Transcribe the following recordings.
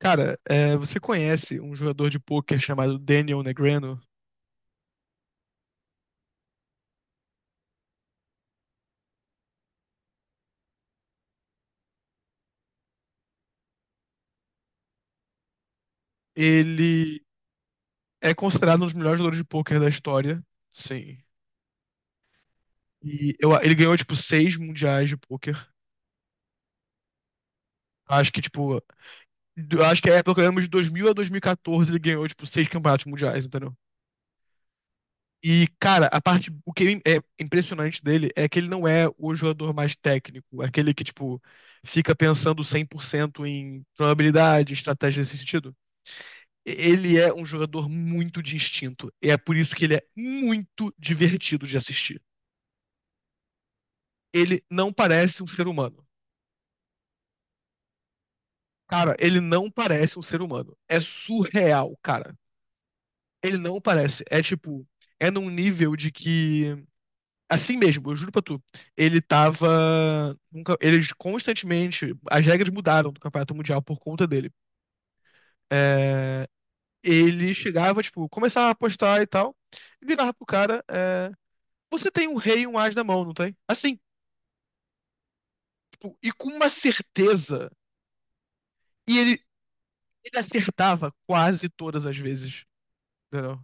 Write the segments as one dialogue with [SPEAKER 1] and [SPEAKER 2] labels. [SPEAKER 1] Cara, você conhece um jogador de pôquer chamado Daniel Negreanu? Ele é considerado um dos melhores jogadores de pôquer da história. Sim. Ele ganhou, tipo, seis mundiais de pôquer. Acho que, tipo, do- acho que é pelo menos de 2000 a 2014 ele ganhou, tipo, seis campeonatos mundiais, entendeu? E, cara, o que é impressionante dele é que ele não é o jogador mais técnico, é aquele que, tipo, fica pensando 100% em probabilidade, estratégia nesse sentido. Ele é um jogador muito de instinto. E é por isso que ele é muito divertido de assistir. Ele não parece um ser humano. Cara, ele não parece um ser humano. É surreal, cara. Ele não parece. É tipo, é num nível de que. Assim mesmo, eu juro pra tu. Ele tava. Nunca, eles constantemente. As regras mudaram do Campeonato Mundial por conta dele. É, Ele chegava, tipo, começava a apostar e tal. Virava pro cara. Você tem um rei e um as na mão, não tem? Assim, tipo, e com uma certeza. E ele acertava quase todas as vezes, entendeu?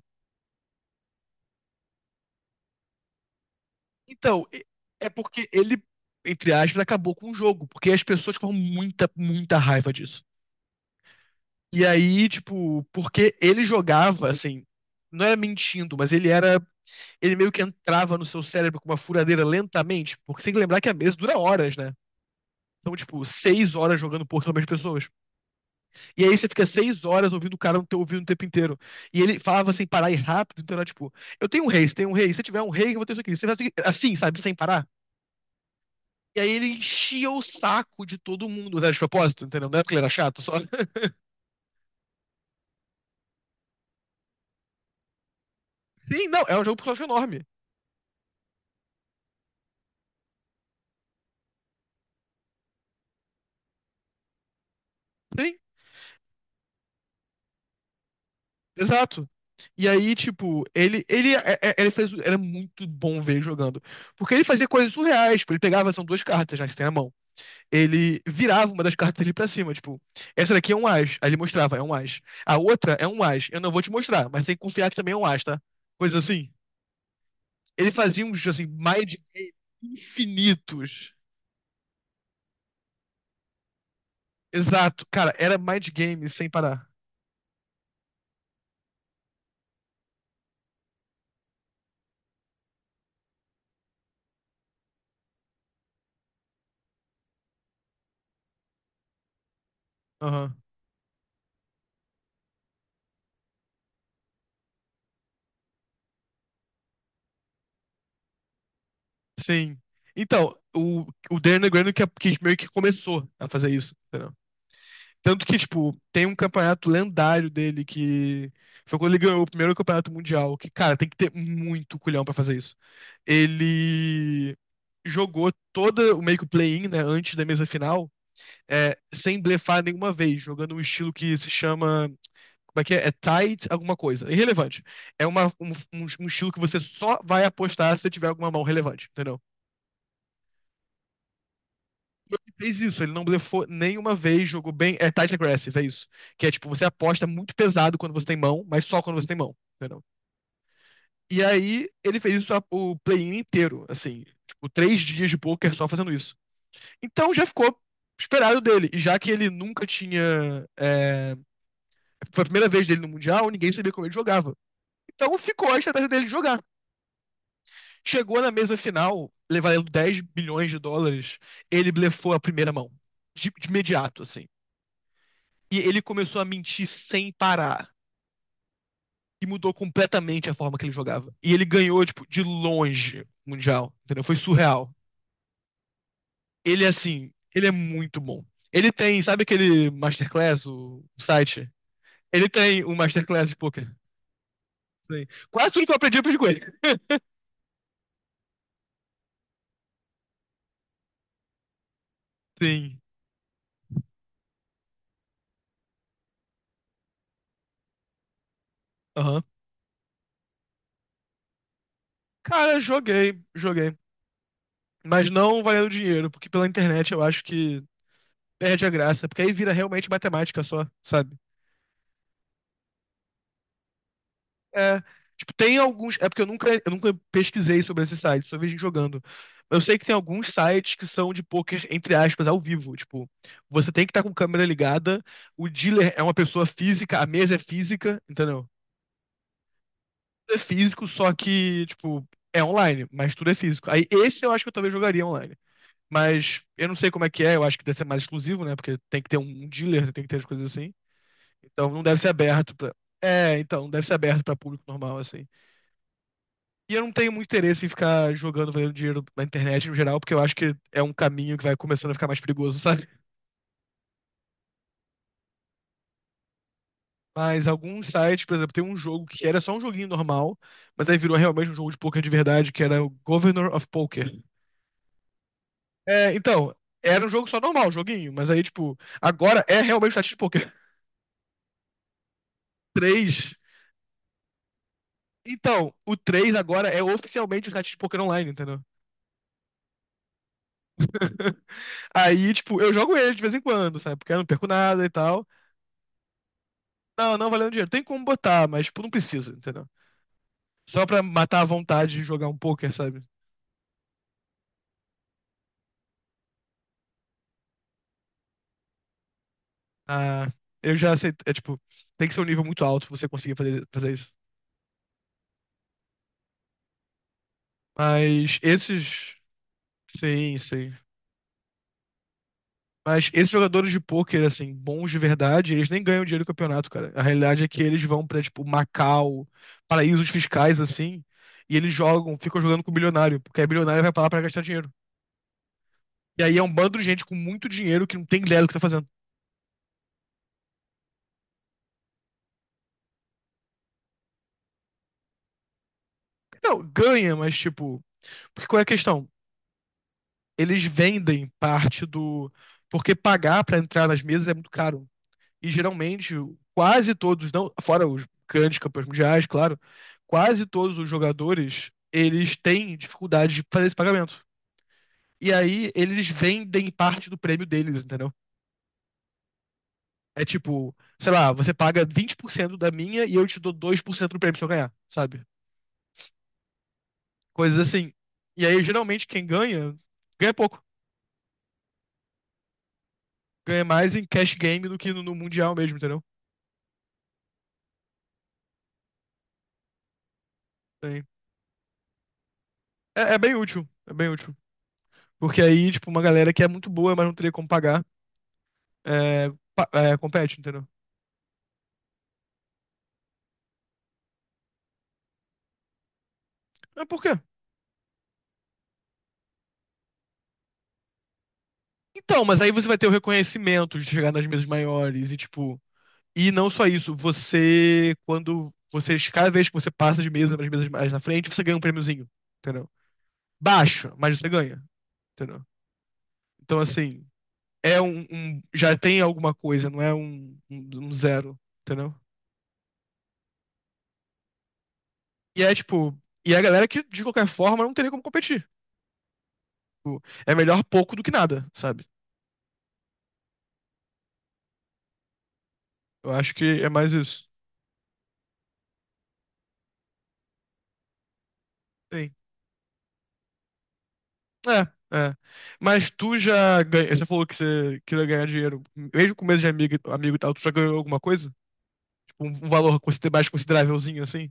[SPEAKER 1] Então, é porque ele, entre aspas, acabou com o jogo, porque as pessoas ficavam muita, muita raiva disso. E aí, tipo, porque ele jogava, assim, não era mentindo, mas ele era, ele meio que entrava no seu cérebro com uma furadeira lentamente, porque você tem que lembrar que a mesa dura horas, né? São, tipo, 6 horas jogando poker com as mesmas pessoas. E aí você fica 6 horas ouvindo o cara não ter ouvido o tempo inteiro. E ele falava sem parar e rápido, então era tipo, eu tenho um rei, você tem um rei, se tiver um rei, eu vou ter isso aqui. Se tiver isso aqui, assim, sabe, sem parar. E aí ele enchia o saco de todo mundo, né, de propósito, entendeu? Não é porque ele era chato, só. Sim, não, é um jogo personagem enorme. Sim, exato. E aí, tipo, ele fez, era muito bom ver ele jogando. Porque ele fazia coisas surreais, tipo, ele pegava, são duas cartas já que você tem na mão. Ele virava uma das cartas ali pra cima, tipo, essa daqui é um as, aí ele mostrava, é um as. A outra é um as, eu não vou te mostrar, mas tem que confiar que também é um as, tá? Coisa assim. Ele fazia uns, assim, mind games infinitos. Exato, cara, era mind games sem parar. Aham, sim. Então, o Darren Graham que, que meio que começou a fazer isso, entendeu? Tanto que, tipo, tem um campeonato lendário dele que foi quando ele ganhou o primeiro campeonato mundial, que, cara, tem que ter muito culhão pra fazer isso. Ele jogou todo o meio que o play-in, né, antes da mesa final, sem blefar nenhuma vez, jogando um estilo que se chama, como é que é? É tight alguma coisa, irrelevante. É um estilo que você só vai apostar se você tiver alguma mão relevante, entendeu? E ele fez isso, ele não blefou nenhuma vez, jogou bem. É tight aggressive, é isso. Que é tipo, você aposta muito pesado quando você tem mão, mas só quando você tem mão, entendeu? E aí ele fez isso o play-in inteiro, assim, tipo, 3 dias de poker só fazendo isso. Então já ficou esperado dele. E já que ele nunca tinha. Foi a primeira vez dele no Mundial, ninguém sabia como ele jogava. Então ficou a estratégia dele de jogar. Chegou na mesa final, levaram 10 bilhões de dólares, ele blefou a primeira mão. De imediato, assim. E ele começou a mentir sem parar. E mudou completamente a forma que ele jogava. E ele ganhou, tipo, de longe o Mundial. Entendeu? Foi surreal. Ele, assim, ele é muito bom. Ele tem, sabe aquele Masterclass, o site? Ele tem um Masterclass de poker. Sim. Quase tudo que eu aprendi com ele. Sim. Aham. Cara, joguei, joguei. Mas não valendo dinheiro, porque pela internet eu acho que perde a graça. Porque aí vira realmente matemática só, sabe? É, tipo, tem alguns. É porque eu nunca pesquisei sobre esses sites, só vi gente jogando. Eu sei que tem alguns sites que são de poker, entre aspas, ao vivo. Tipo, você tem que estar com câmera ligada, o dealer é uma pessoa física, a mesa é física, entendeu? Tudo é físico, só que, tipo, é online, mas tudo é físico. Aí esse eu acho que eu talvez jogaria online. Mas eu não sei como é que é, eu acho que deve ser mais exclusivo, né? Porque tem que ter um dealer, tem que ter as coisas assim. Então não deve ser aberto pra. É, então, não deve ser aberto pra público normal, assim. E eu não tenho muito interesse em ficar jogando, valendo dinheiro na internet no geral, porque eu acho que é um caminho que vai começando a ficar mais perigoso, sabe? Mas alguns sites, por exemplo, tem um jogo que era só um joguinho normal, mas aí virou realmente um jogo de poker de verdade, que era o Governor of Poker. É, então, era um jogo só normal, um joguinho, mas aí, tipo, agora é realmente um site de poker. Três. Então, o 3 agora é oficialmente um site de poker online, entendeu? Aí, tipo, eu jogo ele de vez em quando, sabe? Porque eu não perco nada e tal. Não, não valendo dinheiro. Tem como botar, mas tipo, não precisa, entendeu? Só pra matar a vontade de jogar um poker, sabe? Ah, eu já aceito. É tipo, tem que ser um nível muito alto pra você conseguir fazer isso. Mas esses. Sim, sim. Mas esses jogadores de pôquer, assim, bons de verdade, eles nem ganham dinheiro do campeonato, cara. A realidade é que eles vão pra, tipo, Macau, paraísos fiscais, assim, e eles jogam, ficam jogando com o bilionário, porque aí bilionário vai pra lá pra gastar dinheiro. E aí é um bando de gente com muito dinheiro que não tem ideia do que tá fazendo. Não, ganha, mas, tipo, porque qual é a questão? Eles vendem parte do. Porque pagar pra entrar nas mesas é muito caro. E geralmente, quase todos, não, fora os grandes campeões mundiais, claro, quase todos os jogadores, eles têm dificuldade de fazer esse pagamento. E aí eles vendem parte do prêmio deles, entendeu? É tipo, sei lá, você paga 20% da minha e eu te dou 2% do prêmio se eu ganhar, sabe? Coisas assim. E aí, geralmente, quem ganha, ganha pouco. Ganha mais em cash game do que no mundial mesmo, entendeu? É, é bem útil, é bem útil. Porque aí, tipo, uma galera que é muito boa, mas não teria como pagar, é, compete, entendeu? É por quê? Então, mas aí você vai ter o reconhecimento de chegar nas mesas maiores e, tipo, e não só isso, você, quando você, cada vez que você passa de mesa para as mesas mais na frente, você ganha um prêmiozinho, entendeu? Baixo, mas você ganha, entendeu? Então, assim, é já tem alguma coisa, não é um zero, entendeu? E é, tipo, é a galera que, de qualquer forma, não teria como competir. Tipo, é melhor pouco do que nada, sabe? Eu acho que é mais isso. Sim. É, é. Mas tu já ganha, você falou que você queria ganhar dinheiro. Mesmo com mês de amigo, amigo e tal, tu já ganhou alguma coisa? Tipo, um valor mais considerávelzinho assim?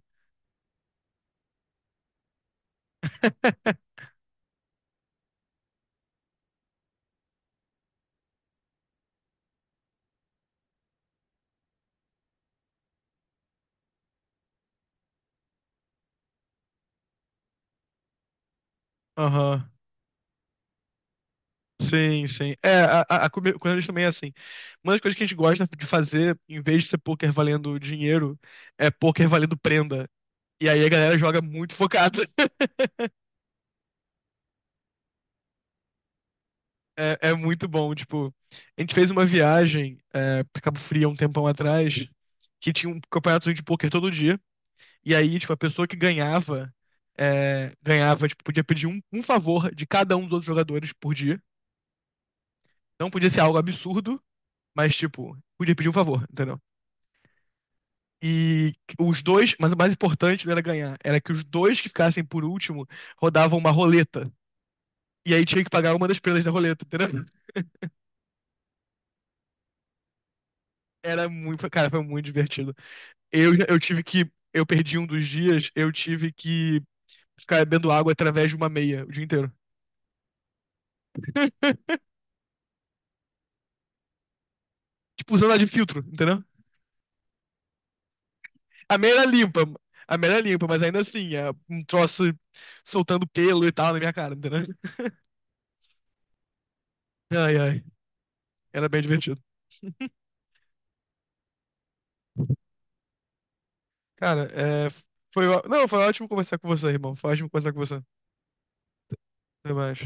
[SPEAKER 1] Aham. Sim, sim. É, quando a gente também é assim. Uma das coisas que a gente gosta de fazer, em vez de ser poker valendo dinheiro, é poker valendo prenda. E aí a galera joga muito focada. É, é muito bom, tipo, a gente fez uma viagem pra Cabo Frio há um tempão atrás, que tinha um campeonato de pôquer todo dia, e aí, tipo, a pessoa que ganhava, ganhava, tipo, podia pedir um, um favor de cada um dos outros jogadores por dia. Não podia ser algo absurdo, mas, tipo, podia pedir um favor, entendeu? E os dois, mas o mais importante não era ganhar, era que os dois que ficassem por último rodavam uma roleta. E aí tinha que pagar uma das pelas da roleta, entendeu? Era muito, cara, foi muito divertido. Eu tive que. Eu perdi um dos dias, eu tive que ficar bebendo água através de uma meia o dia inteiro. Tipo, usando a de filtro, entendeu? A meia era limpa. A meia era limpa, mas ainda assim, é um troço soltando pelo e tal na minha cara, entendeu? Ai, ai. Era bem divertido. Cara, não, foi ótimo conversar com você, irmão. Foi ótimo conversar com você. Até mais.